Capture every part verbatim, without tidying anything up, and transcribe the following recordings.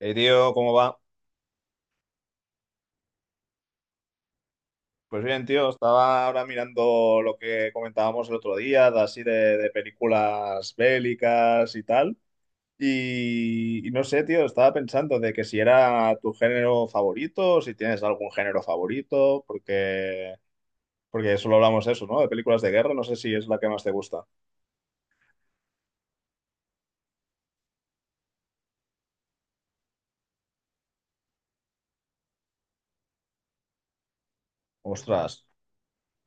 Eh, tío, ¿cómo va? Pues bien, tío, estaba ahora mirando lo que comentábamos el otro día, de así de, de películas bélicas y tal. Y, y no sé, tío, estaba pensando de que si era tu género favorito, o si tienes algún género favorito, porque, porque solo hablamos eso, ¿no? De películas de guerra, no sé si es la que más te gusta. Ostras.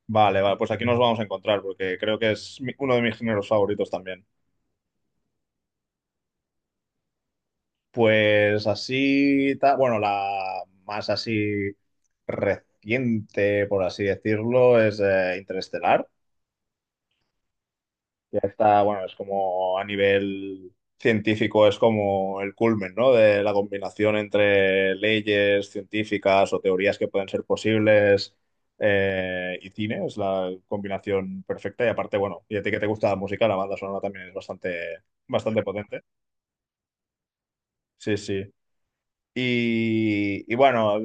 Vale, vale, pues aquí nos vamos a encontrar, porque creo que es mi- uno de mis géneros favoritos también. Pues así, ta- bueno, la más así reciente, por así decirlo, es eh, Interestelar. Ya está, bueno, es como a nivel científico, es como el culmen, ¿no? De la combinación entre leyes científicas o teorías que pueden ser posibles eh, y cine, es la combinación perfecta. Y aparte, bueno, y a ti que te gusta la música, la banda sonora también es bastante, bastante potente. Sí, sí. Y, y bueno,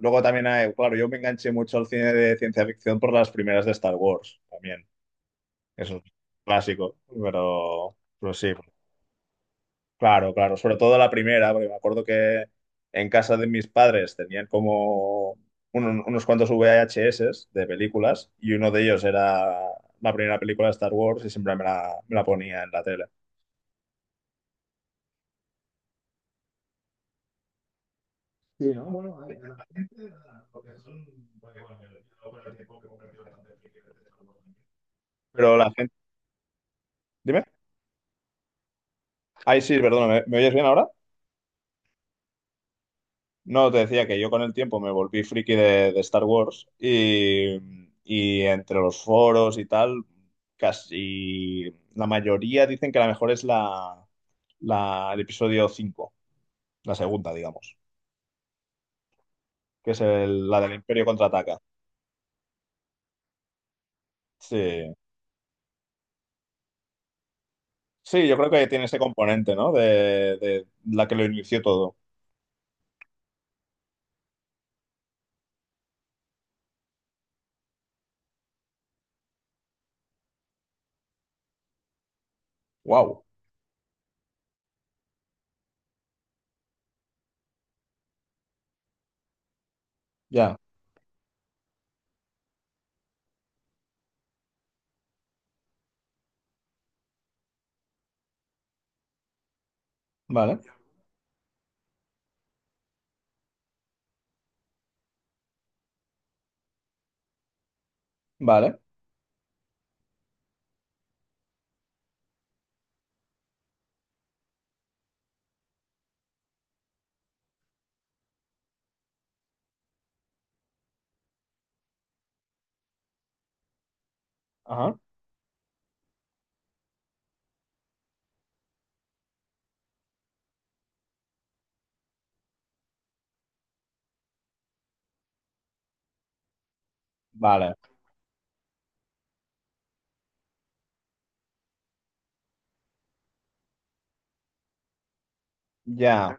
luego también hay, claro, yo me enganché mucho al cine de ciencia ficción por las primeras de Star Wars también. Eso es un clásico, pero, pero sí, claro, claro. Sobre todo la primera, porque me acuerdo que en casa de mis padres tenían como un- unos cuantos V H S de películas y uno de ellos era la primera película de Star Wars y siempre me la, me la ponía en la tele. Sí, ¿no? Bueno, a a la gente, a- porque son, porque bueno, yo yo con el tiempo que he convertido bastante en friki de este. Pero la gente. Dime. Ay, sí, perdona, ¿me, me oyes bien ahora? No, te decía que yo con el tiempo me volví friki de, de Star Wars y, y entre los foros y tal, casi la mayoría dicen que la mejor es la, la- el episodio cinco, la segunda, digamos, que es el- la del Imperio contraataca. Sí. Sí, yo creo que tiene ese componente, ¿no? De, de la que lo inició todo. Vale, ajá, vale, ya.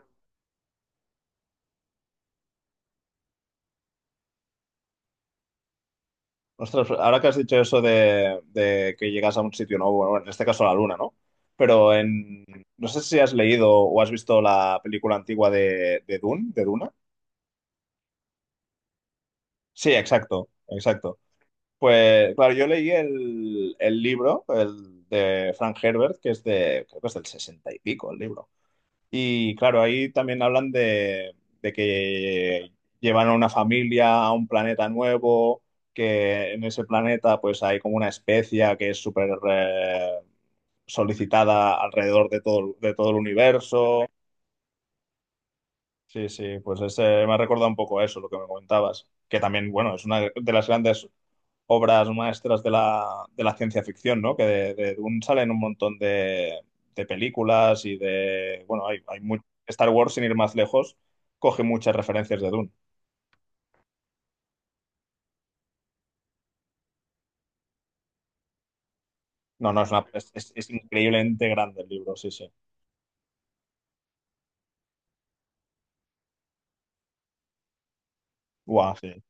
Ostras, ahora que has dicho eso de, de que llegas a un sitio nuevo, bueno, en este caso la luna, ¿no? Pero en. No sé si has leído o has visto la película antigua de, de Dune, de Duna. Sí, exacto, exacto. Pues, claro, yo leí el, el libro, el de Frank Herbert, que es de, creo que es del sesenta y pico el libro. Y claro, ahí también hablan de, de que llevan a una familia a un planeta nuevo, que en ese planeta pues hay como una especia que es súper eh, solicitada alrededor de todo, de todo el universo. Sí, sí, pues ese, me ha recordado un poco eso, lo que me comentabas, que también, bueno, es una de las grandes obras maestras de la, de la ciencia ficción, ¿no? Que de, de Dune salen un montón de, de películas y de. Bueno, hay, hay mu- Star Wars, sin ir más lejos, coge muchas referencias de Dune. No, no, es, una- es, es- es increíblemente grande el libro, sí, sí. Guau, sí.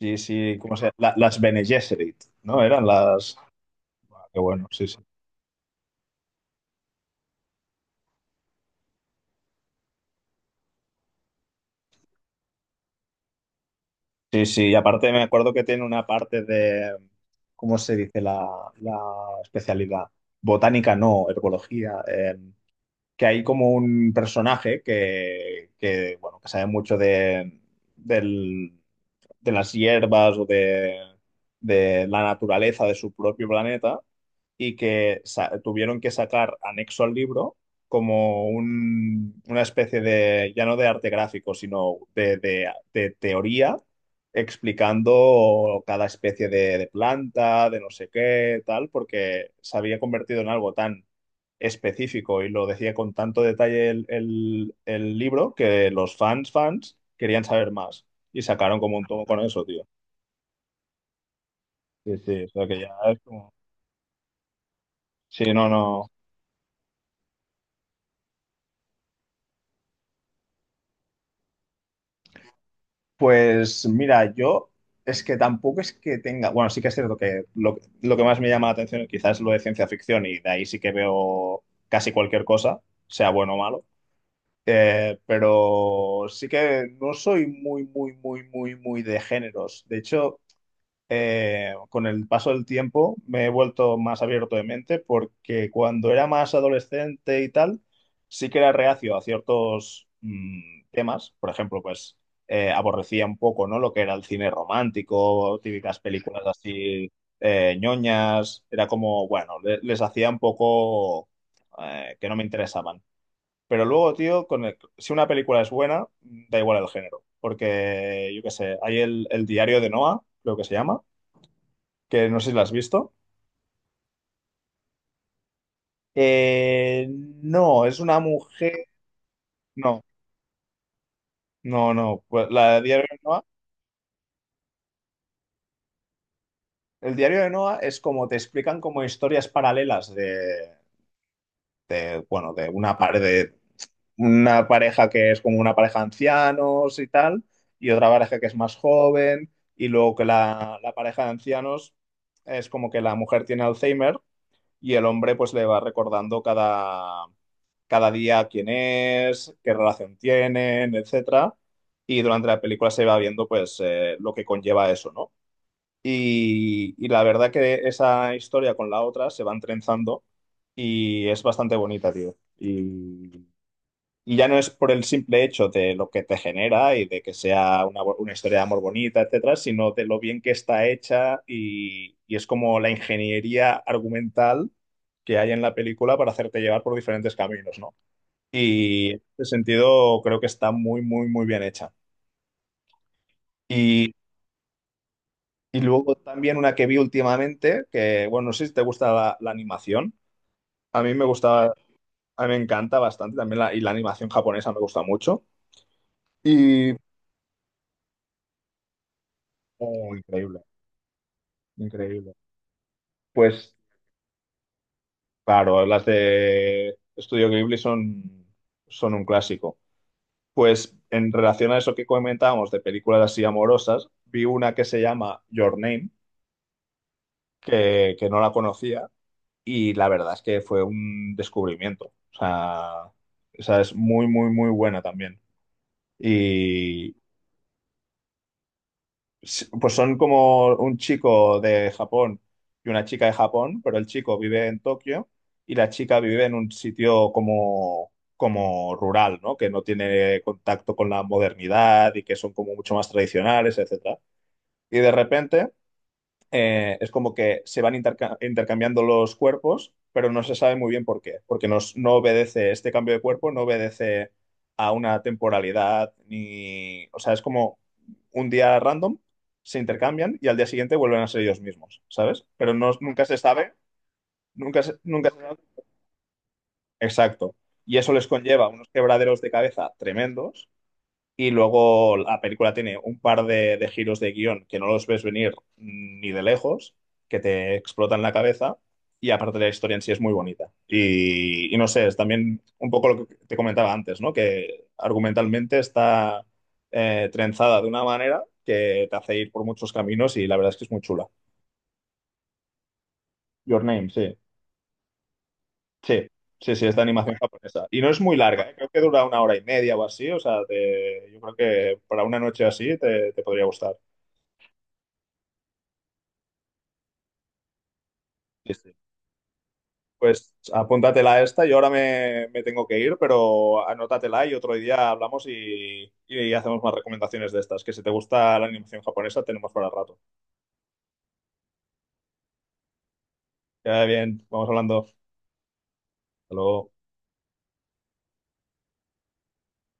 Sí, sí, ¿cómo se llama? La- las Bene Gesserit, ¿no? Eran las. Ah, qué bueno, sí, sí. Sí, sí, y aparte me acuerdo que tiene una parte de. ¿Cómo se dice la, la especialidad? Botánica no, herbología. Eh, que hay como un personaje que, que, bueno, que sabe mucho de, del- de las hierbas o de, de la naturaleza de su propio planeta y que sa- tuvieron que sacar anexo al libro como un- una especie de, ya no de arte gráfico, sino de, de- de teoría explicando cada especie de, de planta, de no sé qué, tal, porque se había convertido en algo tan específico y lo decía con tanto detalle el, el- el libro que los fans, fans querían saber más y sacaron como un tomo con eso, tío. Sí, sí, o sea que ya es como. Sí, no, no. Pues mira, yo es que tampoco es que tenga, bueno, sí que es cierto que lo, lo que más me llama la atención quizás es lo de ciencia ficción y de ahí sí que veo casi cualquier cosa, sea bueno o malo. Eh, pero sí que no soy muy, muy, muy, muy, muy de géneros. De hecho, eh, con el paso del tiempo me he vuelto más abierto de mente porque cuando era más adolescente y tal, sí que era reacio a ciertos mm, temas. Por ejemplo, pues eh, aborrecía un poco, ¿no? Lo que era el cine romántico, típicas películas así eh, ñoñas. Era como, bueno, le- les hacía un poco eh, que no me interesaban. Pero luego, tío, con el- si una película es buena, da igual el género. Porque, yo qué sé, hay el, el diario de Noah, creo que se llama, que no sé si la has visto. Eh, no, es una mujer. No, no, no. Pues la de Diario de Noa. El Diario de Noa es como te explican como historias paralelas de, de, bueno, de una pareja, de una pareja que es como una pareja de ancianos y tal, y otra pareja que es más joven, y luego que la, la pareja de ancianos es como que la mujer tiene Alzheimer y el hombre pues le va recordando cada, cada día quién es, qué relación tienen, etcétera. Y durante la película se va viendo pues eh, lo que conlleva eso, ¿no? Y, y la verdad que esa historia con la otra se van trenzando y es bastante bonita, tío. Y, y ya no es por el simple hecho de lo que te genera y de que sea una, bo- una historia de amor bonita, etcétera, sino de lo bien que está hecha y, y es como la ingeniería argumental que hay en la película para hacerte llevar por diferentes caminos, ¿no? Y en ese sentido creo que está muy, muy, muy bien hecha. Y, y luego también una que vi últimamente, que bueno, no sé si te gusta la, la animación. A mí me gusta, a mí me encanta bastante también la, y la animación japonesa me gusta mucho. Y. Oh, increíble, increíble. Pues claro, las de Estudio Ghibli son, son un clásico. Pues en relación a eso que comentábamos de películas así amorosas, vi una que se llama Your Name, que, que no la conocía y la verdad es que fue un descubrimiento. O sea, esa es muy, muy, muy buena también. Y s- pues son como un chico de Japón y una chica de Japón, pero el chico vive en Tokio y la chica vive en un sitio como, como rural, ¿no? Que no tiene contacto con la modernidad y que son como mucho más tradicionales, etcétera. Y de repente eh, es como que se van interca- intercambiando los cuerpos, pero no se sabe muy bien por qué, porque nos, no obedece este cambio de cuerpo, no obedece a una temporalidad, ni, o sea, es como un día random, se intercambian y al día siguiente vuelven a ser ellos mismos, ¿sabes? Pero no, nunca se sabe, nunca se- nunca se sabe. Exacto. Y eso les conlleva unos quebraderos de cabeza tremendos y luego la película tiene un par de, de giros de guión que no los ves venir ni de lejos, que te explotan la cabeza. Y aparte la historia en sí es muy bonita. Y, y no sé, es también un poco lo que te comentaba antes, ¿no? Que argumentalmente está eh, trenzada de una manera que te hace ir por muchos caminos y la verdad es que es muy chula. Your Name, sí. Sí, sí, sí, es de animación japonesa. Y no es muy larga, ¿eh? Creo que dura una hora y media o así. O sea, te- yo creo que para una noche así te, te podría gustar. Sí, sí. Pues apúntatela esta, yo ahora me, me tengo que ir, pero anótatela y otro día hablamos y, y hacemos más recomendaciones de estas, que si te gusta la animación japonesa tenemos para rato. Ya bien, vamos hablando. Hasta luego.